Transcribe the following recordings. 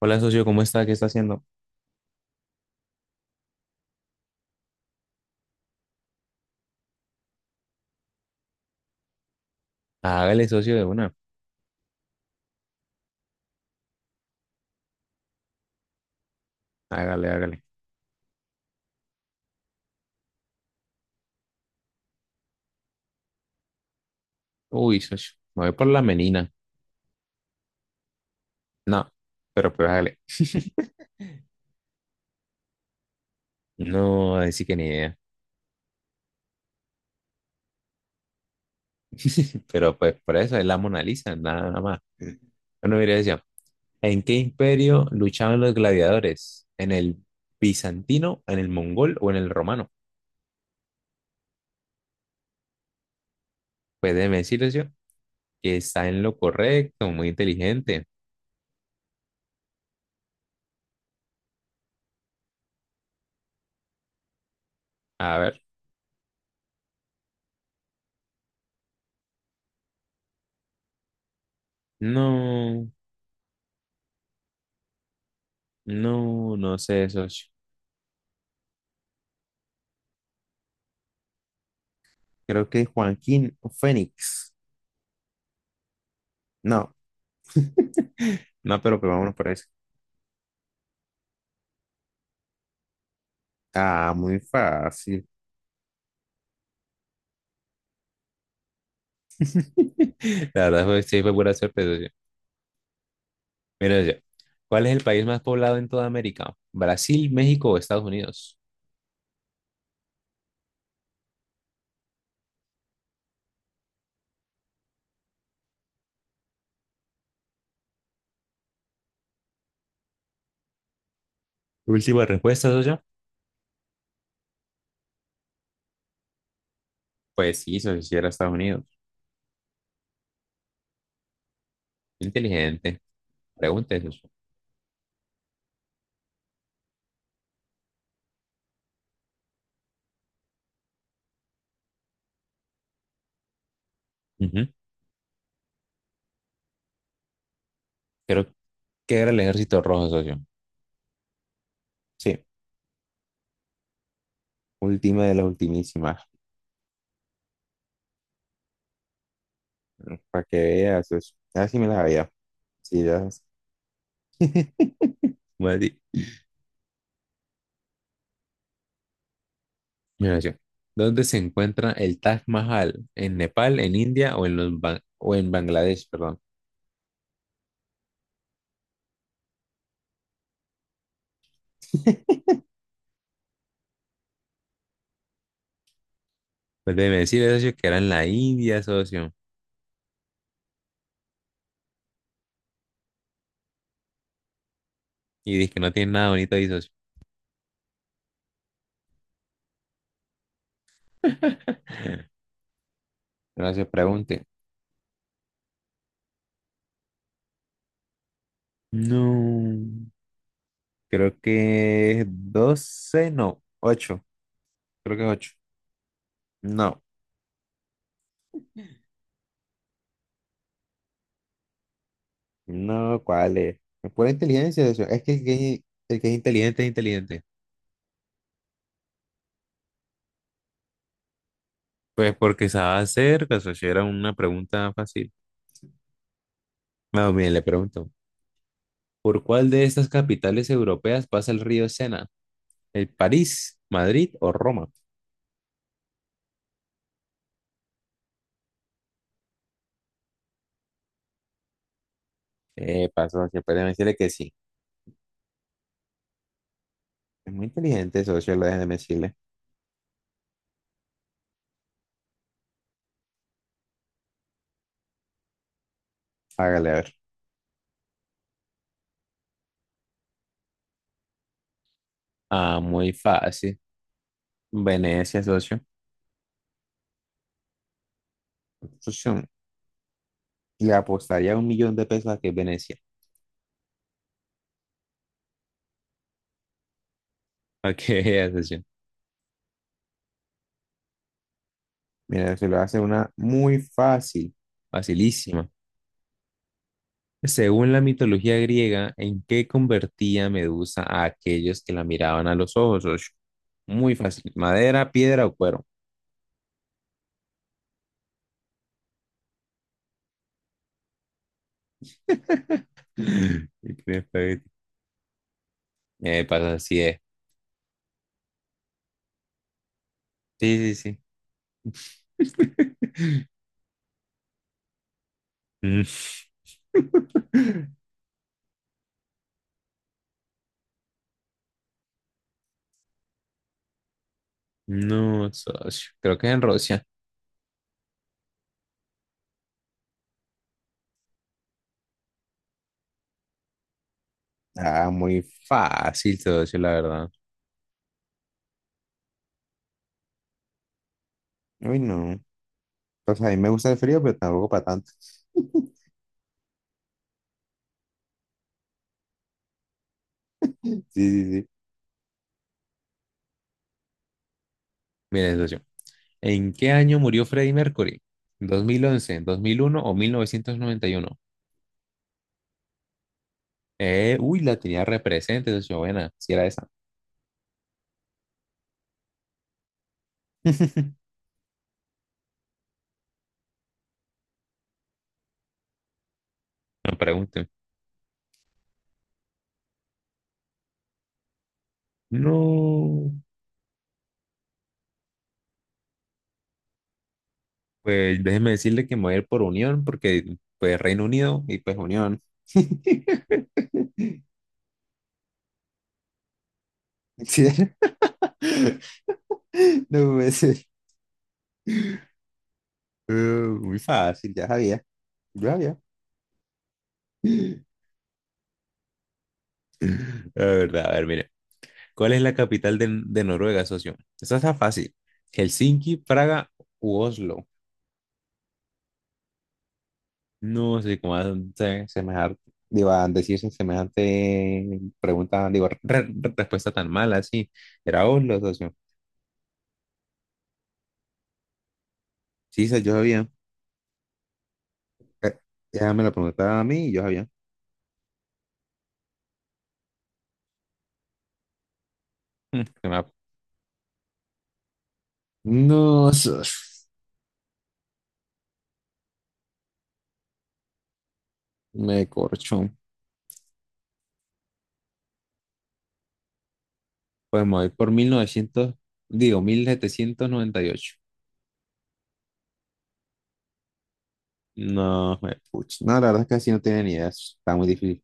Hola, socio, ¿cómo está? ¿Qué está haciendo? Hágale, socio, de una. Hágale, hágale. Uy, socio, me voy por la menina. No, pero pues hágale. No, así que ni idea. Pero pues por eso es la Mona Lisa, nada más. Bueno, mire, decía, ¿en qué imperio luchaban los gladiadores? ¿En el bizantino, en el mongol o en el romano? Pues déjeme decirles yo que está en lo correcto, muy inteligente. A ver, no, no sé, socio. Creo que Joaquín Fénix. No, no, pero pues vámonos por eso. Ah, muy fácil. La verdad fue, sí, fue pura sorpresa, sí. Mira, ya. ¿Cuál es el país más poblado en toda América? ¿Brasil, México o Estados Unidos? Última respuesta, socio. Pues sí, eso sí era Estados Unidos. Inteligente. Pregúntese, socio. Ujú. Creo que era el ejército rojo, socio. Sí, última de las ultimísimas. Para que veas, eso. Ah, sí me las había. Sí, ya. Bueno, mira yo. ¿Dónde se encuentra el Taj Mahal? ¿En Nepal, en India o en o en Bangladesh, perdón? Pues debe decir, socio, que era en la India, socio. Y dice que no tiene nada bonito ahí, socio. No se pregunte. No. Creo que es 12, no, 8. Creo que es 8. No, no, ¿cuál es? Es pura inteligencia, socio. Es que el que es inteligente es inteligente. Pues porque sabe hacer, socio, era una pregunta fácil. No, miren, le pregunto. ¿Por cuál de estas capitales europeas pasa el río Sena? ¿El París, Madrid o Roma? Pasó, que pueden decirle que sí. Es muy inteligente, socio, lo dejen de decirle. Hágale a ver. Ah, muy fácil. Venecia, socio. Socio, le apostaría $1.000.000 a que es Venecia. ¿A que vea, socio? Mira, se lo hace una muy fácil. Facilísima. Según la mitología griega, ¿en qué convertía Medusa a aquellos que la miraban a los ojos, socio? Muy fácil. ¿Madera, piedra o cuero? Y tiene espagueti. Pasa así es. Sí, sí, sí. Mm, no, socio. Creo que es en Rusia. Ah, muy fácil, socio, la verdad. Uy, no. Pues a mí me gusta el frío, pero tampoco para tanto. Sí, sí, sí. Mire, socio. ¿En qué año murió Freddie Mercury? 2011, 2001 o 1991. Uy, la tenía represente, socio. Buena, si era esa. No pregunten. No. Pues déjeme decirle que me voy a ir por Unión, porque pues Reino Unido y pues Unión. Sí, no puede ser. Muy fácil, ya sabía. La verdad, a ver, mire. ¿Cuál es la capital de Noruega, socio? Esa está fácil. Helsinki, Praga u Oslo. No sé cómo hacen se- semejante, digo, a decirse semejante pregunta, digo, respuesta tan mala, sí. Era Oslo, socio. Sí, yo sabía. Eh, Ella me la preguntaba a mí y yo sabía. Mm, que me la- No, me corchó. Pues me voy por 1900, digo, 1798. No, me puch. No, la verdad es que así no tenía ni idea. Está muy difícil.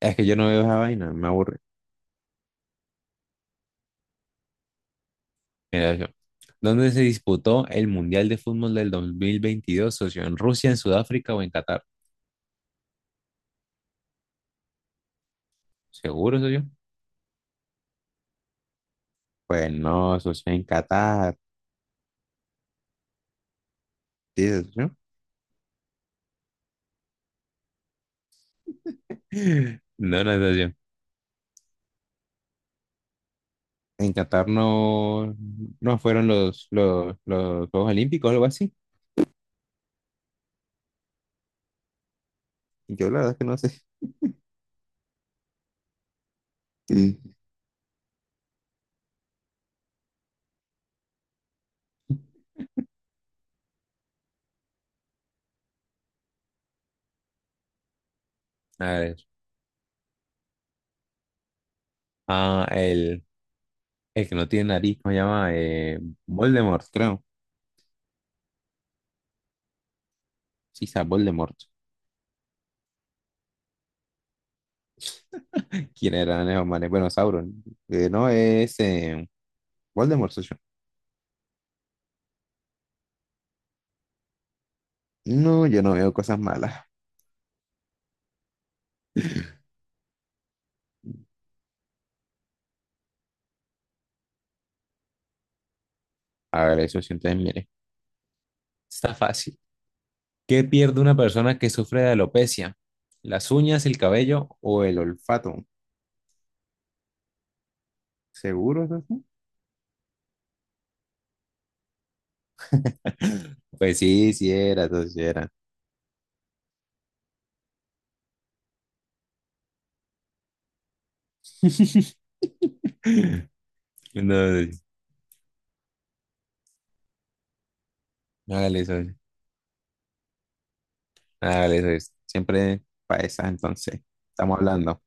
Es que yo no veo esa vaina, me aburre. Mira yo. ¿Dónde se disputó el Mundial de Fútbol del 2022, socio? ¿En Rusia, en Sudáfrica o en Qatar? ¿Seguro, socio? Pues no, socio, en Qatar. ¿Sí, socio? No, no, socio. En Qatar no, no fueron los Juegos Olímpicos o algo así. Yo la verdad es que no sé. Mm. A ver. Ah, el que no tiene nariz, ¿cómo se llama? Voldemort, creo. Sí, Sa Voldemort. ¿Quién era Neo Mane? Bueno, Sauron. No, es Voldemort, soy yo. No, yo no veo cosas malas. A ver, eso sí, entonces mire. Está fácil. ¿Qué pierde una persona que sufre de alopecia? ¿Las uñas, el cabello o el olfato? ¿Seguro? Pues sí, sí era, socio, sí era. No, hágale eso, hágale eso. Siempre para esa entonces. Estamos hablando.